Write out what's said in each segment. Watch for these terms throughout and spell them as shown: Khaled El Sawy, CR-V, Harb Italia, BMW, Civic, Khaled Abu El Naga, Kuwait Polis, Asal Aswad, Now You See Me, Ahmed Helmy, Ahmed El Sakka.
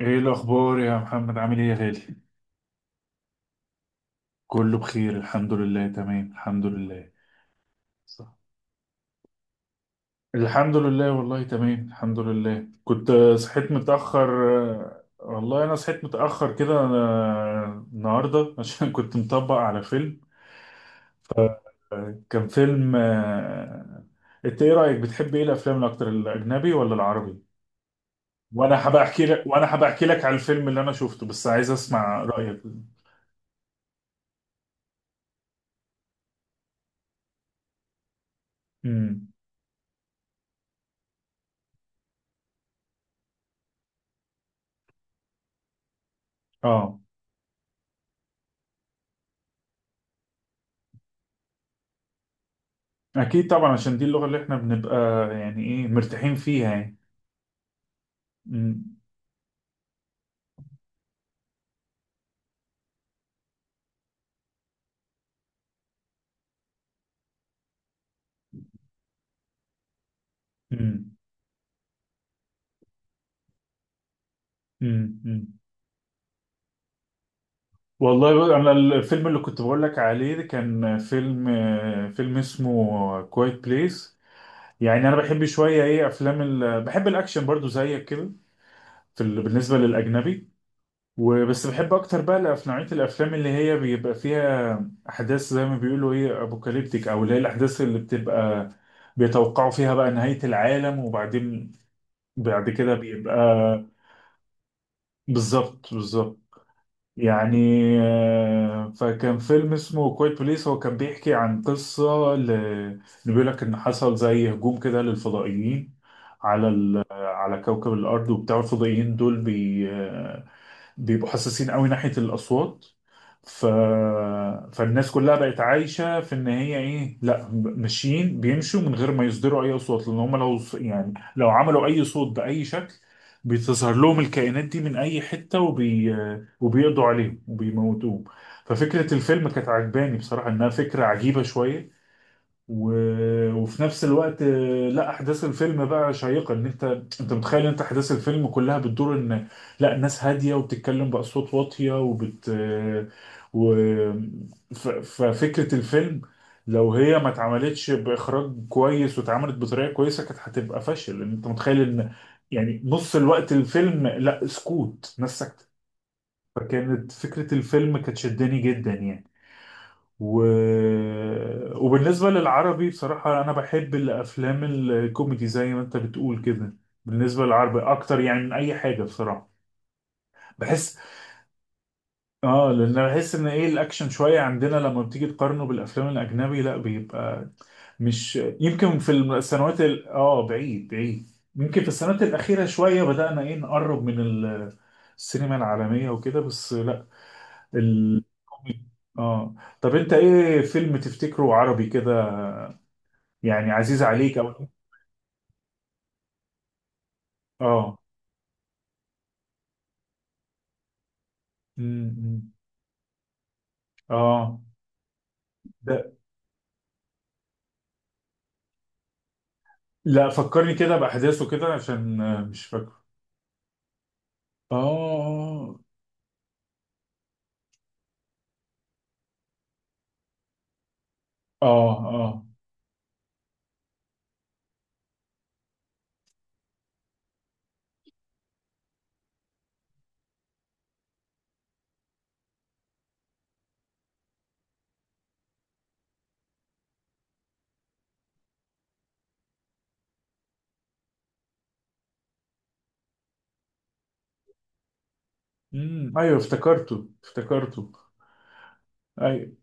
ايه الاخبار يا محمد؟ عامل ايه يا غالي؟ كله بخير الحمد لله، تمام الحمد لله. صح. الحمد لله، والله تمام الحمد لله. كنت صحيت متأخر. والله انا صحيت متأخر كده أنا النهارده عشان كنت مطبق على فيلم. كان فيلم انت ايه رأيك؟ بتحب ايه الافلام الاكتر، الاجنبي ولا العربي؟ وانا هبقى احكي لك على الفيلم اللي انا شفته، بس عايز اسمع رأيك. امم. اه. اكيد طبعا، عشان دي اللغه اللي احنا بنبقى يعني ايه مرتاحين فيها يعني. أمم، أمم، أمم، أمم. والله بقى انا الفيلم اللي كنت بقول لك عليه ده كان فيلم، فيلم اسمه كوايت بليس. يعني انا بحب شويه ايه افلام بحب الاكشن برضو زيك كده في بالنسبه للاجنبي. وبس بحب اكتر بقى نوعيه الافلام اللي هي بيبقى فيها احداث زي ما بيقولوا ايه ابوكاليبتيك، او اللي هي الاحداث اللي بتبقى بيتوقعوا فيها بقى نهاية العالم، وبعدين بعد كده بيبقى. بالظبط بالظبط. يعني فكان فيلم اسمه كويت بليس، هو كان بيحكي عن قصة اللي بيقول لك إن حصل زي هجوم كده للفضائيين على على كوكب الأرض. وبتاع الفضائيين دول بي... آه، بيبقوا حساسين قوي ناحية الأصوات. ف... فالناس كلها بقت عايشة في إن هي إيه، لا ماشيين بيمشوا من غير ما يصدروا أي أصوات، لأن هم لو يعني لو عملوا أي صوت بأي شكل بتظهر لهم الكائنات دي من أي حتة وبيقضوا عليهم وبيموتوهم. ففكرة الفيلم كانت عجباني بصراحة، إنها فكرة عجيبة شوية. و... وفي نفس الوقت لا احداث الفيلم بقى شيقه، ان انت انت متخيل انت احداث الفيلم كلها بتدور ان لا الناس هاديه وبتتكلم باصوات واطيه وبت آه، و... ف... ففكره الفيلم لو هي ما اتعملتش باخراج كويس واتعملت بطريقه كويسه كانت هتبقى فاشل، لان انت متخيل ان يعني نص الوقت الفيلم لا سكوت، ناس ساكته. فكانت فكره الفيلم كانت شداني جدا يعني. و... وبالنسبة للعربي بصراحة أنا بحب الأفلام الكوميدي زي ما أنت بتقول كده، بالنسبة للعربي أكتر يعني من أي حاجة بصراحة. بحس آه، لأن أنا بحس إن إيه الأكشن شوية عندنا لما بتيجي تقارنه بالأفلام الأجنبي لا بيبقى مش يمكن في السنوات ال... آه بعيد بعيد. يمكن في السنوات الأخيرة شوية بدأنا إيه نقرب من السينما العالمية وكده، بس لا ال... آه طب أنت إيه فيلم تفتكره عربي كده يعني عزيز عليك او؟ اه. امم. اه. ده؟ لا فكرني كده بأحداثه كده عشان مش فاكره. اه. اه. اه. امم. ايوه افتكرته افتكرته. ايوه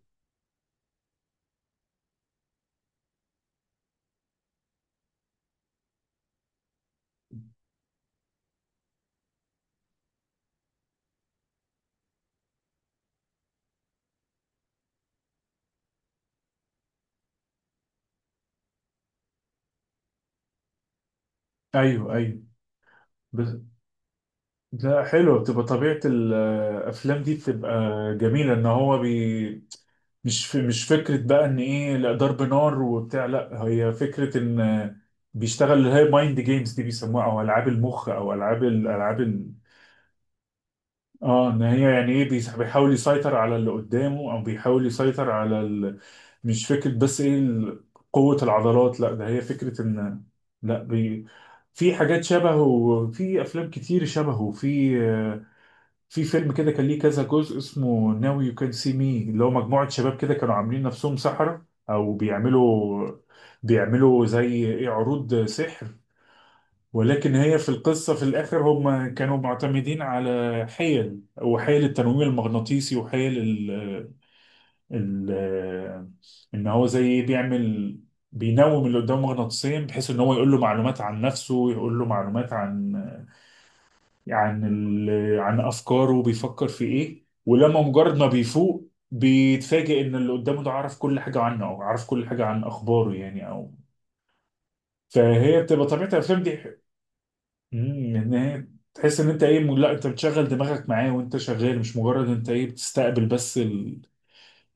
ايوه ايوه. بس لا حلوه بتبقى طبيعه الافلام دي، بتبقى جميله ان هو بي، مش فكره بقى ان ايه لا ضرب نار وبتاع، لا هي فكره ان بيشتغل اللي هي مايند جيمز دي بيسموها، او العاب المخ او العاب الالعاب. اه، ان هي يعني ايه بيحاول يسيطر على اللي قدامه او بيحاول يسيطر على مش فكرة بس ايه قوة العضلات، لا ده هي فكرة ان، لا بي... في حاجات شبهه وفي افلام كتير شبهه في في فيلم كده كان ليه كذا جزء اسمه ناو يو كان سي مي، اللي هو مجموعة شباب كده كانوا عاملين نفسهم سحرة او بيعملوا زي ايه عروض سحر، ولكن هي في القصة في الآخر هم كانوا معتمدين على حيل، وحيل التنويم المغناطيسي، وحيل ال ال إن هو زي بيعمل بينوم اللي قدامه مغناطيسيا بحيث إن هو يقول له معلومات عن نفسه، ويقول له معلومات عن عن ال عن أفكاره بيفكر في إيه، ولما مجرد ما بيفوق بيتفاجئ إن اللي قدامه ده عارف كل حاجة عنه، أو عارف كل حاجة عن أخباره يعني أو. فهي بتبقى طبيعة الأفلام دي. امم، ان هي تحس ان انت ايه لا انت بتشغل دماغك معاه وانت شغال، مش مجرد انت ايه بتستقبل بس ال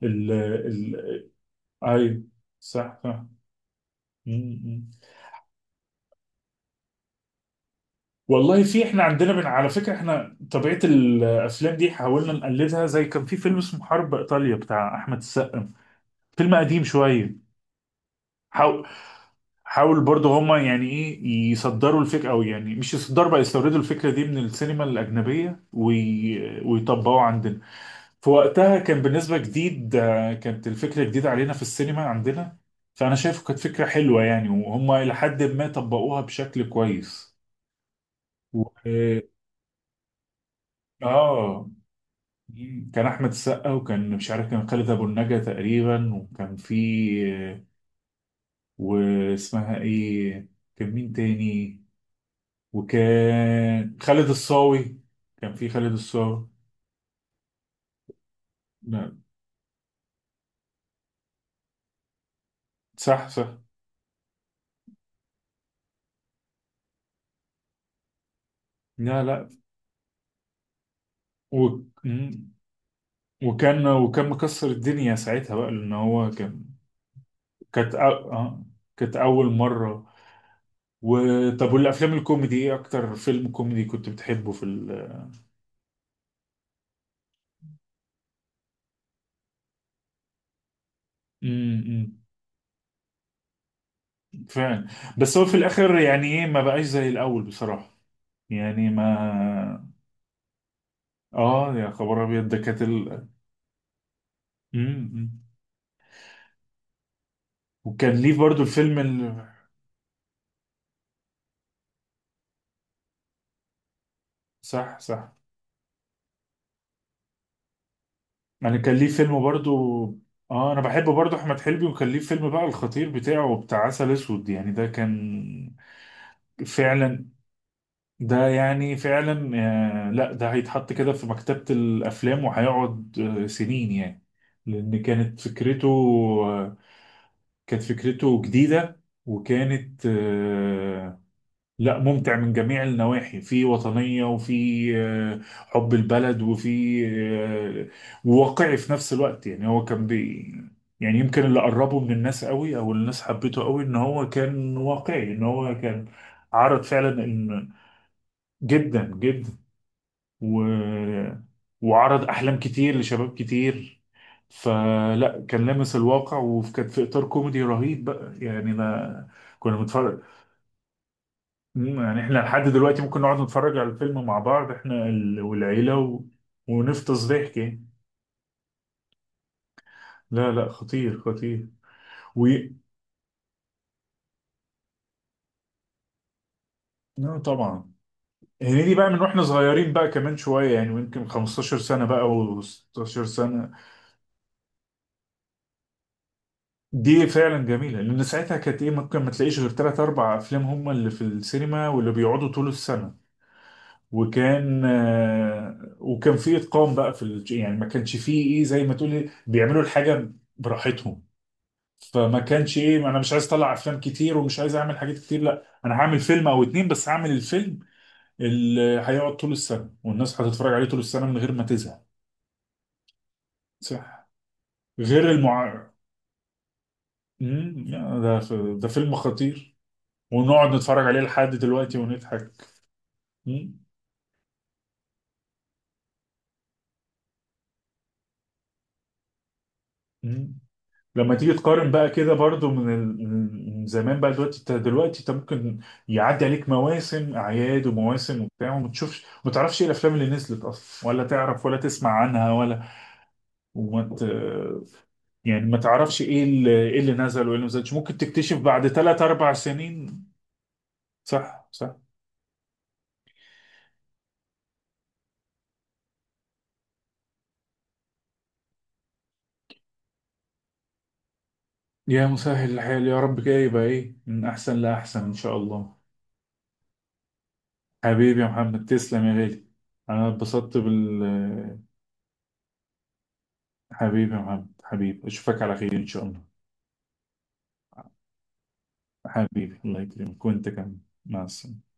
ال ال ايوه. صح صح. امم. والله في احنا عندنا من على فكره، احنا طبيعه الافلام دي حاولنا نقلدها. زي كان في فيلم اسمه حرب ايطاليا بتاع احمد السقا، فيلم قديم شويه. حاول حاول برضه هما يعني ايه يصدروا الفكره، او يعني مش يصدروا بقى، يستوردوا الفكره دي من السينما الاجنبيه ويطبقوا عندنا. في وقتها كان بالنسبة جديد كانت الفكرة جديدة علينا في السينما عندنا، فأنا شايفه كانت فكرة حلوة يعني، وهم إلى حد ما طبقوها بشكل كويس. و... آه آه، كان أحمد السقا، وكان مش عارف كان خالد أبو النجا تقريبا، وكان في آه، واسمها إيه؟ كان مين تاني؟ وكان خالد الصاوي، كان في خالد الصاوي. لا. صح صح. لا لا. و... مم. وكان وكان مكسر الدنيا ساعتها بقى لان هو كان، كانت أ- اه كانت اول مره. وطب، والافلام الكوميدي ايه اكتر فيلم كوميدي كنت بتحبه في ال؟ امم. فعلا. بس هو في الاخر يعني ايه ما بقاش زي الاول بصراحه. يعني ما. اه يا خبر ابيض، ده كانت امم. وكان ليه برضو الفيلم صح صح. يعني كان ليه فيلم برضو. اه، انا بحب برضو احمد حلمي، وكان ليه فيلم بقى الخطير بتاعه بتاع عسل اسود، يعني ده كان فعلا، ده يعني فعلا لا ده هيتحط كده في مكتبة الأفلام، وهيقعد سنين يعني. لأن كانت فكرته آه، كانت فكرته جديدة، وكانت لا ممتع من جميع النواحي، في وطنية، وفي حب البلد، وفي آه، وواقعي في نفس الوقت. يعني هو كان بي يعني يمكن اللي قربه من الناس قوي، او الناس حبته قوي ان هو كان واقعي، ان هو كان عرض فعلا جدا جدا. و... وعرض احلام كتير لشباب كتير، فلا كان لامس الواقع، وكانت في اطار كوميدي رهيب بقى يعني. انا كنا بنتفرج. مم، يعني احنا لحد دلوقتي ممكن نقعد نتفرج على الفيلم مع بعض احنا والعيله ونفطس ضحك يعني. لا لا، خطير خطير. و، لا طبعا. هنيدي بقى من واحنا صغيرين بقى كمان شويه يعني، يمكن 15 سنه بقى و16 سنه. دي فعلا جميلة، لأن ساعتها كانت إيه ممكن ما تلاقيش غير تلات أربع أفلام هما اللي في السينما واللي بيقعدوا طول السنة. وكان وكان في إتقان بقى في يعني ما كانش فيه إيه زي ما تقولي بيعملوا الحاجة براحتهم، فما كانش إيه أنا مش عايز أطلع أفلام كتير ومش عايز أعمل حاجات كتير، لا أنا هعمل فيلم أو اتنين بس، هعمل الفيلم اللي هيقعد طول السنة والناس هتتفرج عليه طول السنة من غير ما تزهق. صح. غير المع، مم، لا، ده ده فيلم خطير، ونقعد نتفرج عليه لحد دلوقتي ونضحك. مم. مم. لما تيجي تقارن بقى كده برضو من من زمان بقى، دلوقتي انت دلوقتي انت ممكن يعدي عليك مواسم اعياد ومواسم وبتاع وما تشوفش ما تعرفش ايه الافلام اللي نزلت اصلا، ولا تعرف ولا تسمع عنها ولا وما ت... يعني ما تعرفش ايه ايه اللي نزل وايه اللي ما نزلش، ممكن تكتشف بعد ثلاث اربع سنين. صح صح. يا مسهل الحال يا رب، كده يبقى ايه من احسن لاحسن ان شاء الله. حبيبي يا محمد، تسلم يا غالي. انا اتبسطت بال، حبيبي يا محمد، حبيبي اشوفك على خير ان شاء الله. حبيبي الله يكرمك وانت كمان. مع السلامه.